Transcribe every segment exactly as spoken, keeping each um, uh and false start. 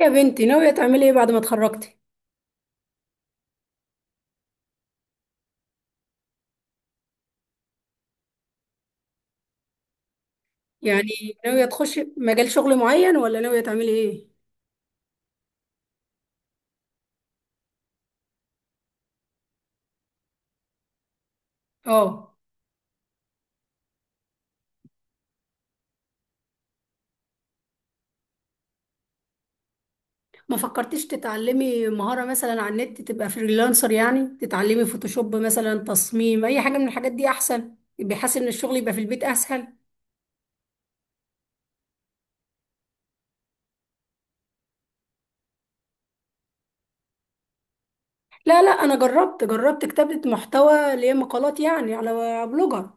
يا بنتي ناوية تعملي ايه بعد ما اتخرجتي؟ يعني ناوية تخشي مجال شغل معين ولا ناوية تعملي ايه؟ اه، ما فكرتيش تتعلمي مهارة مثلا على النت تبقى فريلانسر، يعني تتعلمي فوتوشوب مثلا، تصميم اي حاجة من الحاجات دي احسن بحيث ان الشغل يبقى في البيت اسهل. لا لا، انا جربت جربت كتابة محتوى اللي هي مقالات يعني على بلوجر،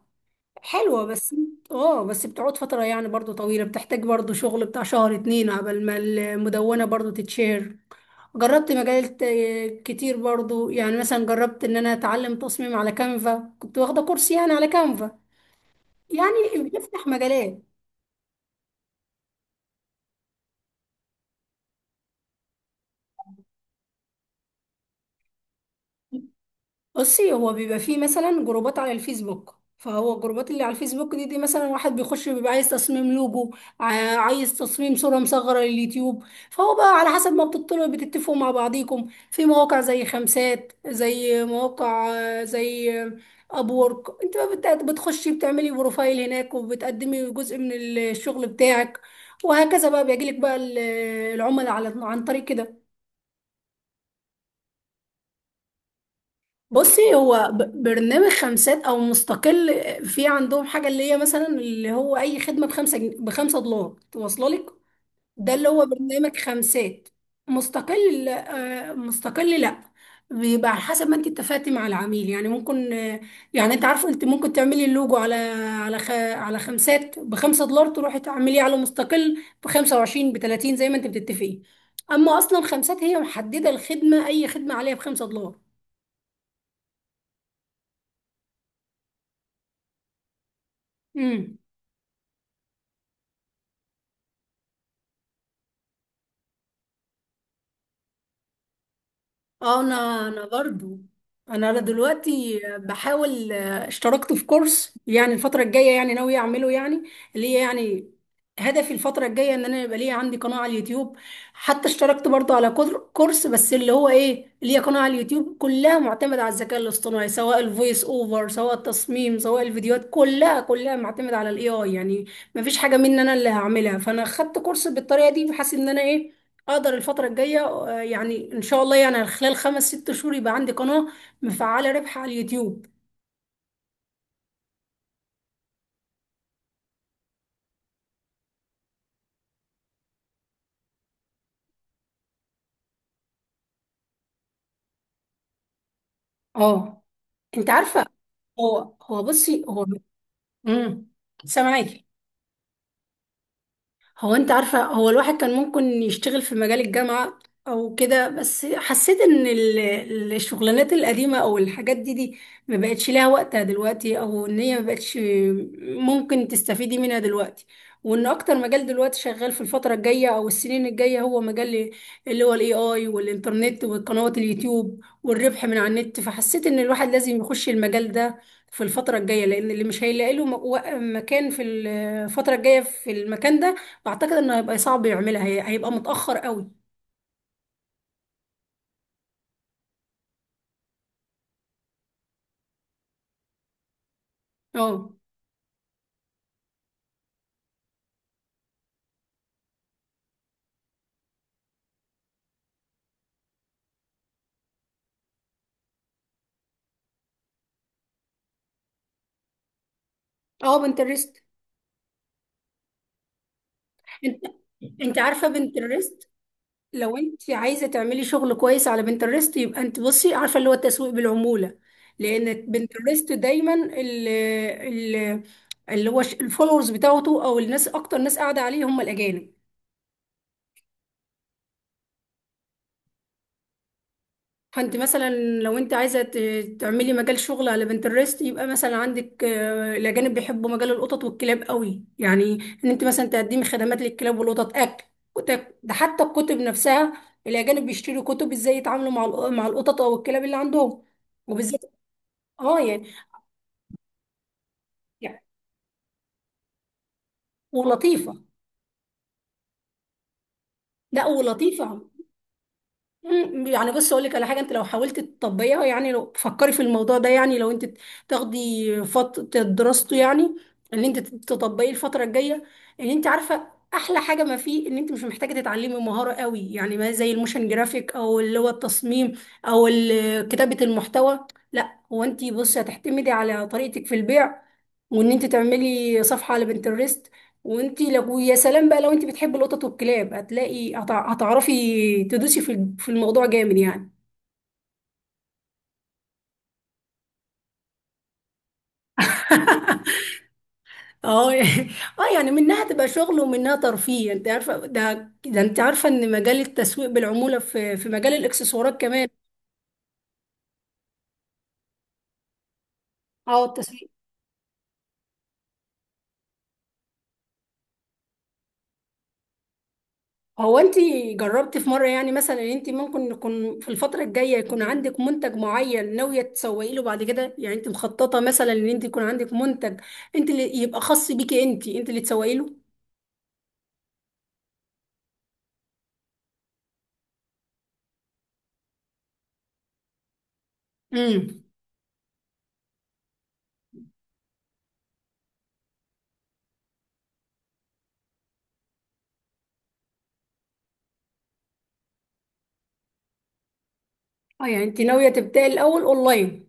حلوة بس. اه، بس بتقعد فترة يعني برضو طويلة، بتحتاج برضو شغل بتاع شهر اتنين عبال ما المدونة برضو تتشهر. جربت مجالات آه، كتير برضو، يعني مثلا جربت ان انا اتعلم تصميم على كانفا، كنت واخدة كورس يعني على كانفا. يعني بتفتح مجالات. بصي، هو بيبقى فيه مثلا جروبات على الفيسبوك، فهو الجروبات اللي على الفيسبوك دي, دي مثلا واحد بيخش بيبقى عايز تصميم لوجو، ع- عايز تصميم صورة مصغرة لليوتيوب. فهو بقى على حسب ما بتطلعوا بتتفقوا مع بعضيكم في مواقع زي خمسات، زي مواقع، آه، زي ابورك. انت بقى بت- بتخشي بتعملي بروفايل هناك وبتقدمي جزء من الشغل بتاعك، وهكذا بقى بيجيلك بقى ال- العملاء على عن طريق كده. بصي، هو ب- برنامج خمسات او مستقل، في عندهم حاجه اللي هي مثلا اللي هو اي خدمه بخمسه جن... بخمسه دولار توصل لك. ده اللي هو برنامج خمسات. مستقل لا، آه، مستقل لا، بيبقى على حسب ما انت اتفقتي مع العميل، يعني ممكن، آه، يعني انت عارفه انت ممكن تعملي اللوجو على على خ... على خمسات بخمسه دولار، تروحي تعمليه على مستقل ب خمسة وعشرين ب ثلاثين زي ما انت بتتفقي. اما اصلا خمسات هي محدده الخدمه، اي خدمه عليها بخمسه دولار. امم. اه، انا انا برضو انا دلوقتي بحاول، آه، اشتركت في كورس يعني الفتره الجايه، يعني ناوي اعمله يعني، اللي هي يعني هدفي الفتره الجايه ان انا يبقى ليا عندي قناه على اليوتيوب. حتى اشتركت برضو على كور- كورس بس اللي هو ايه ليا قناه على اليوتيوب كلها معتمده على الذكاء الاصطناعي، سواء الفويس اوفر سواء التصميم سواء الفيديوهات كلها كلها معتمده على الاي اي يعني. مفيش حاجه مني انا اللي هعملها، فانا خدت كورس بالطريقه دي بحيث ان انا ايه اقدر الفترة الجاية، آه، يعني ان شاء الله يعني خلال خمس ست شهور يبقى عندي قناة مفعلة ربح على اليوتيوب. اه. انت عارفة. هو هو بصي هو. امم. سامعاكي. هو انت عارفة هو الواحد كان ممكن يشتغل في مجال الجامعة او كده، بس حسيت ان ال- ال- الشغلانات القديمة او الحاجات دي دي ما بقتش ليها وقتها دلوقتي، او ان هي ما بقتش ممكن تستفيدي منها دلوقتي، وان اكتر مجال دلوقتي شغال في الفترة الجاية او السنين الجاية هو مجال اللي هو الاي اي والانترنت وقنوات اليوتيوب والربح من على النت. فحسيت ان الواحد لازم يخش المجال ده في الفترة الجاية، لأن اللي مش هيلاقي له مك- مكان في الفترة الجاية في المكان ده فاعتقد انه هيبقى صعب يعملها، هي هيبقى متاخر قوي. اه. اه، بنترست. انت انت عارفه بنترست، لو انت عايزه تعملي شغل كويس على بنترست يبقى انت بصي عارفه اللي هو التسويق بالعموله، لان بنترست دايما ال ال اللي هو الفولورز بتاعته او الناس اكتر ناس قاعده عليه هم الاجانب. فانت مثلا لو انت عايزه ت- تعملي مجال شغل على بنترست يبقى مثلا عندك، آه، الاجانب بيحبوا مجال القطط والكلاب قوي، يعني ان انت مثلا تقدمي خدمات للكلاب والقطط، اكل، كتب، ده حتى الكتب نفسها الاجانب بيشتروا كتب ازاي يتعاملوا مع الق- مع القطط او الكلاب اللي عندهم وبالذات. اه يعني. يعني- ولطيفه. لا، ولطيفه. مم، يعني بص اقول لك على حاجه، انت لو حاولت تطبقيها، يعني لو فكري في الموضوع ده، يعني لو انت تاخدي فتره دراسته يعني ان انت تطبقيه الفتره الجايه. ان انت عارفه احلى حاجه ما فيه ان انت مش محتاجه تتعلمي مهاره قوي، يعني ما زي الموشن جرافيك او اللي هو التصميم او ال- كتابه المحتوى. لا، هو انت بصي هتعتمدي على طريقتك في البيع، وان انت تعملي صفحه على بنترست. وانت لو يا سلام بقى لو انت بتحبي القطط والكلاب هتلاقي هتع- هتعرفي تدوسي في في الموضوع جامد يعني. اه اه، يعني منها تبقى شغل ومنها ترفيه. انت عارفه ده، ده انت عارفه ان مجال التسويق بالعموله في في مجال الاكسسوارات كمان. اه، التسويق. هو انت جربتي في مره، يعني مثلا ان انت ممكن يكون في الفتره الجايه يكون عندك منتج معين ناويه تسوقي له بعد كده؟ يعني انت مخططه مثلا ان انت يكون عندك منتج انت اللي يبقى خاص بيكي، انت انت اللي تسوقي له. امم. اه، يعني انت ناوية تبدأي الأول اونلاين.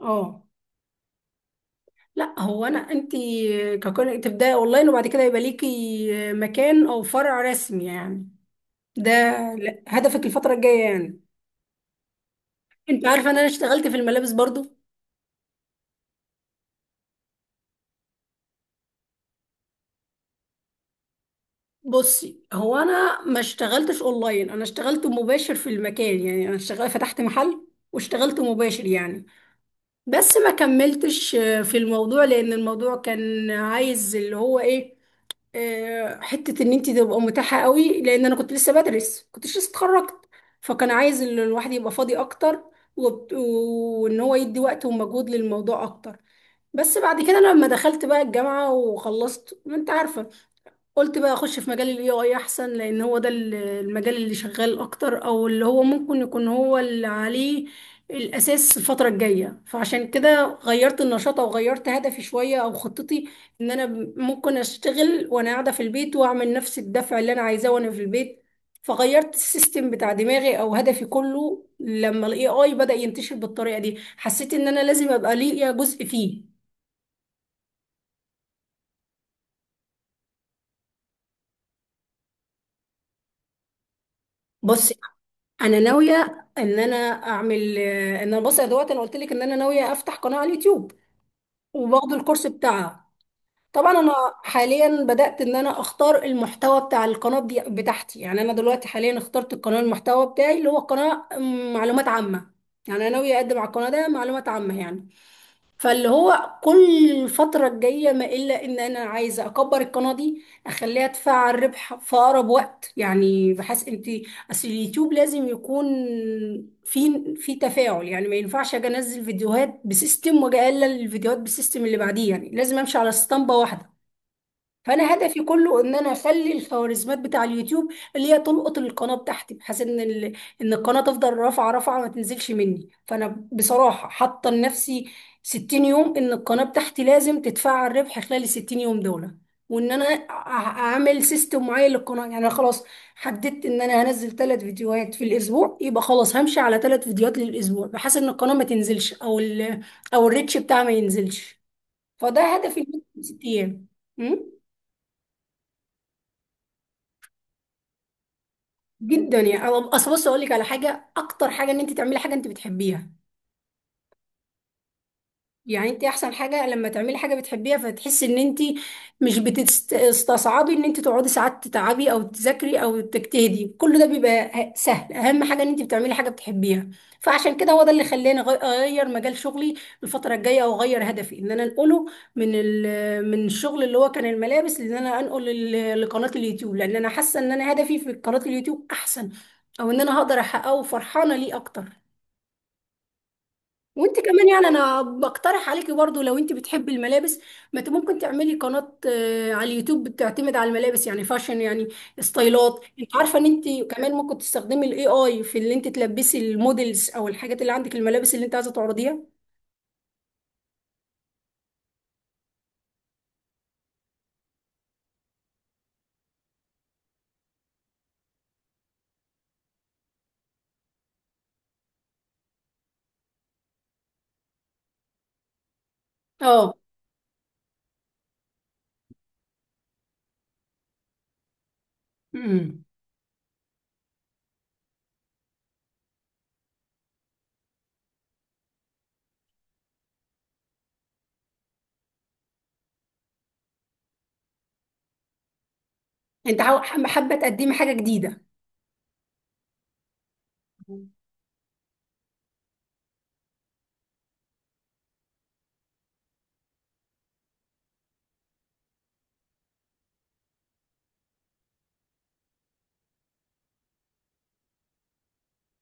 اه. لا هو انا انت ككون تبدأي اونلاين وبعد كده يبقى ليكي مكان او فرع رسمي، يعني ده ل- هدفك الفترة الجاية يعني. انت عارفة ان انا اشتغلت في الملابس برضو. بصي، هو انا ما اشتغلتش اونلاين، انا اشتغلت مباشر في المكان، يعني انا اشتغلت فتحت محل واشتغلت مباشر يعني. بس ما كملتش في الموضوع، لان الموضوع كان عايز اللي هو ايه، آه، حتة ان انت تبقى متاحة قوي، لان انا كنت لسه بدرس، كنتش لسه اتخرجت، فكان عايز ال- الواحد يبقى فاضي اكتر، وبت- وان هو يدي وقت ومجهود للموضوع اكتر. بس بعد كده لما دخلت بقى الجامعة وخلصت، ما انت عارفة، قلت بقى اخش في مجال الاي اي احسن، لان هو ده ال- المجال اللي شغال اكتر، او اللي هو ممكن يكون هو اللي عليه الاساس الفتره الجايه، فعشان كده غيرت النشاط او غيرت هدفي شويه او خطتي، ان انا ممكن اشتغل وانا قاعده في البيت واعمل نفس الدفع اللي انا عايزاه وانا في البيت. فغيرت السيستم بتاع دماغي او هدفي كله لما الاي اي بدأ ينتشر بالطريقه دي، حسيت ان انا لازم ابقى ليا جزء فيه. بص، انا ناويه ان انا اعمل، آه، ان انا بص يا دوت، انا قلت لك ان انا ناويه افتح قناه على اليوتيوب وباخد الكورس بتاعها. طبعا انا حاليا بدات ان انا اختار المحتوى بتاع القناه دي بتاعتي، يعني انا دلوقتي حاليا اخترت القناه المحتوى بتاعي اللي هو قناه م، معلومات عامه. يعني انا ناويه اقدم على القناه ده معلومات عامه يعني. فاللي هو كل الفترة الجاية ما إلا إن أنا عايزة أكبر القناة دي، أخليها تفعل ربح في أقرب وقت، يعني بحيث أنت. أصل اليوتيوب لازم يكون في في تفاعل، يعني ما ينفعش أجي أنزل فيديوهات بسيستم وأجي أقلل الفيديوهات بسيستم اللي بعديه، يعني لازم أمشي على اسطمبة واحدة. فانا هدفي كله ان انا اخلي الخوارزميات بتاع اليوتيوب اللي هي تلقط القناه بتاعتي بحيث ان ال... ان القناه تفضل رافعه رافعه ما تنزلش مني، فانا بصراحه حاطه لنفسي ستين يوم ان القناه بتاعتي لازم تتفعل ربح خلال ال ستين يوم دول. وان انا أ- اعمل سيستم معين للقناه، يعني انا خلاص حددت ان انا هنزل ثلاث فيديوهات في الاسبوع، يبقى خلاص همشي على ثلاث فيديوهات للاسبوع بحيث ان القناه ما تنزلش او ال... او الريتش بتاعها ما ينزلش. فده هدفي لمدة ست ايام. م? جدا يعني. أنا- اصل بص اقول لك على حاجه، اكتر حاجه ان انت تعملي حاجه انت بتحبيها، يعني انت احسن حاجه لما تعملي حاجه بتحبيها، فتحسي ان انت مش بتستصعبي ان انت تقعدي ساعات تتعبي او تذاكري او تجتهدي، كل ده بيبقى ه- سهل، اهم حاجه ان انت بتعملي حاجه بتحبيها. فعشان كده هو ده اللي خلاني أغ- اغير مجال شغلي الفتره الجايه، او اغير هدفي ان انا انقله من ال- من الشغل اللي هو كان الملابس، ان انا انقل ال- لقناه اليوتيوب، لان انا حاسه ان انا هدفي في قناه اليوتيوب احسن، او ان انا هقدر احققه وفرحانه ليه اكتر. وانت كمان يعني انا بقترح عليكي برضو لو انت بتحبي الملابس، ما انت ممكن تعملي قناة آه، على اليوتيوب بتعتمد على الملابس، يعني فاشن، يعني ستايلات. انت عارفة ان انت كمان ممكن تستخدمي الاي اي في اللي انت تلبسي المودلز او الحاجات اللي عندك الملابس اللي انت عايزة تعرضيها. اه. امم. انت حاو- حابة حابة تقدمي حاجة جديدة.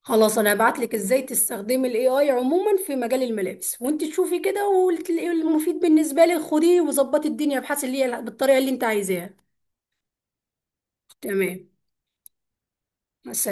خلاص انا هبعت لك ازاي تستخدمي الاي اي عموما في مجال الملابس وانت تشوفي كده، واللي المفيد بالنسبة لك خديه وظبطي الدنيا بحيث اللي هي بالطريقة اللي انت عايزاها. تمام. مع السلامة.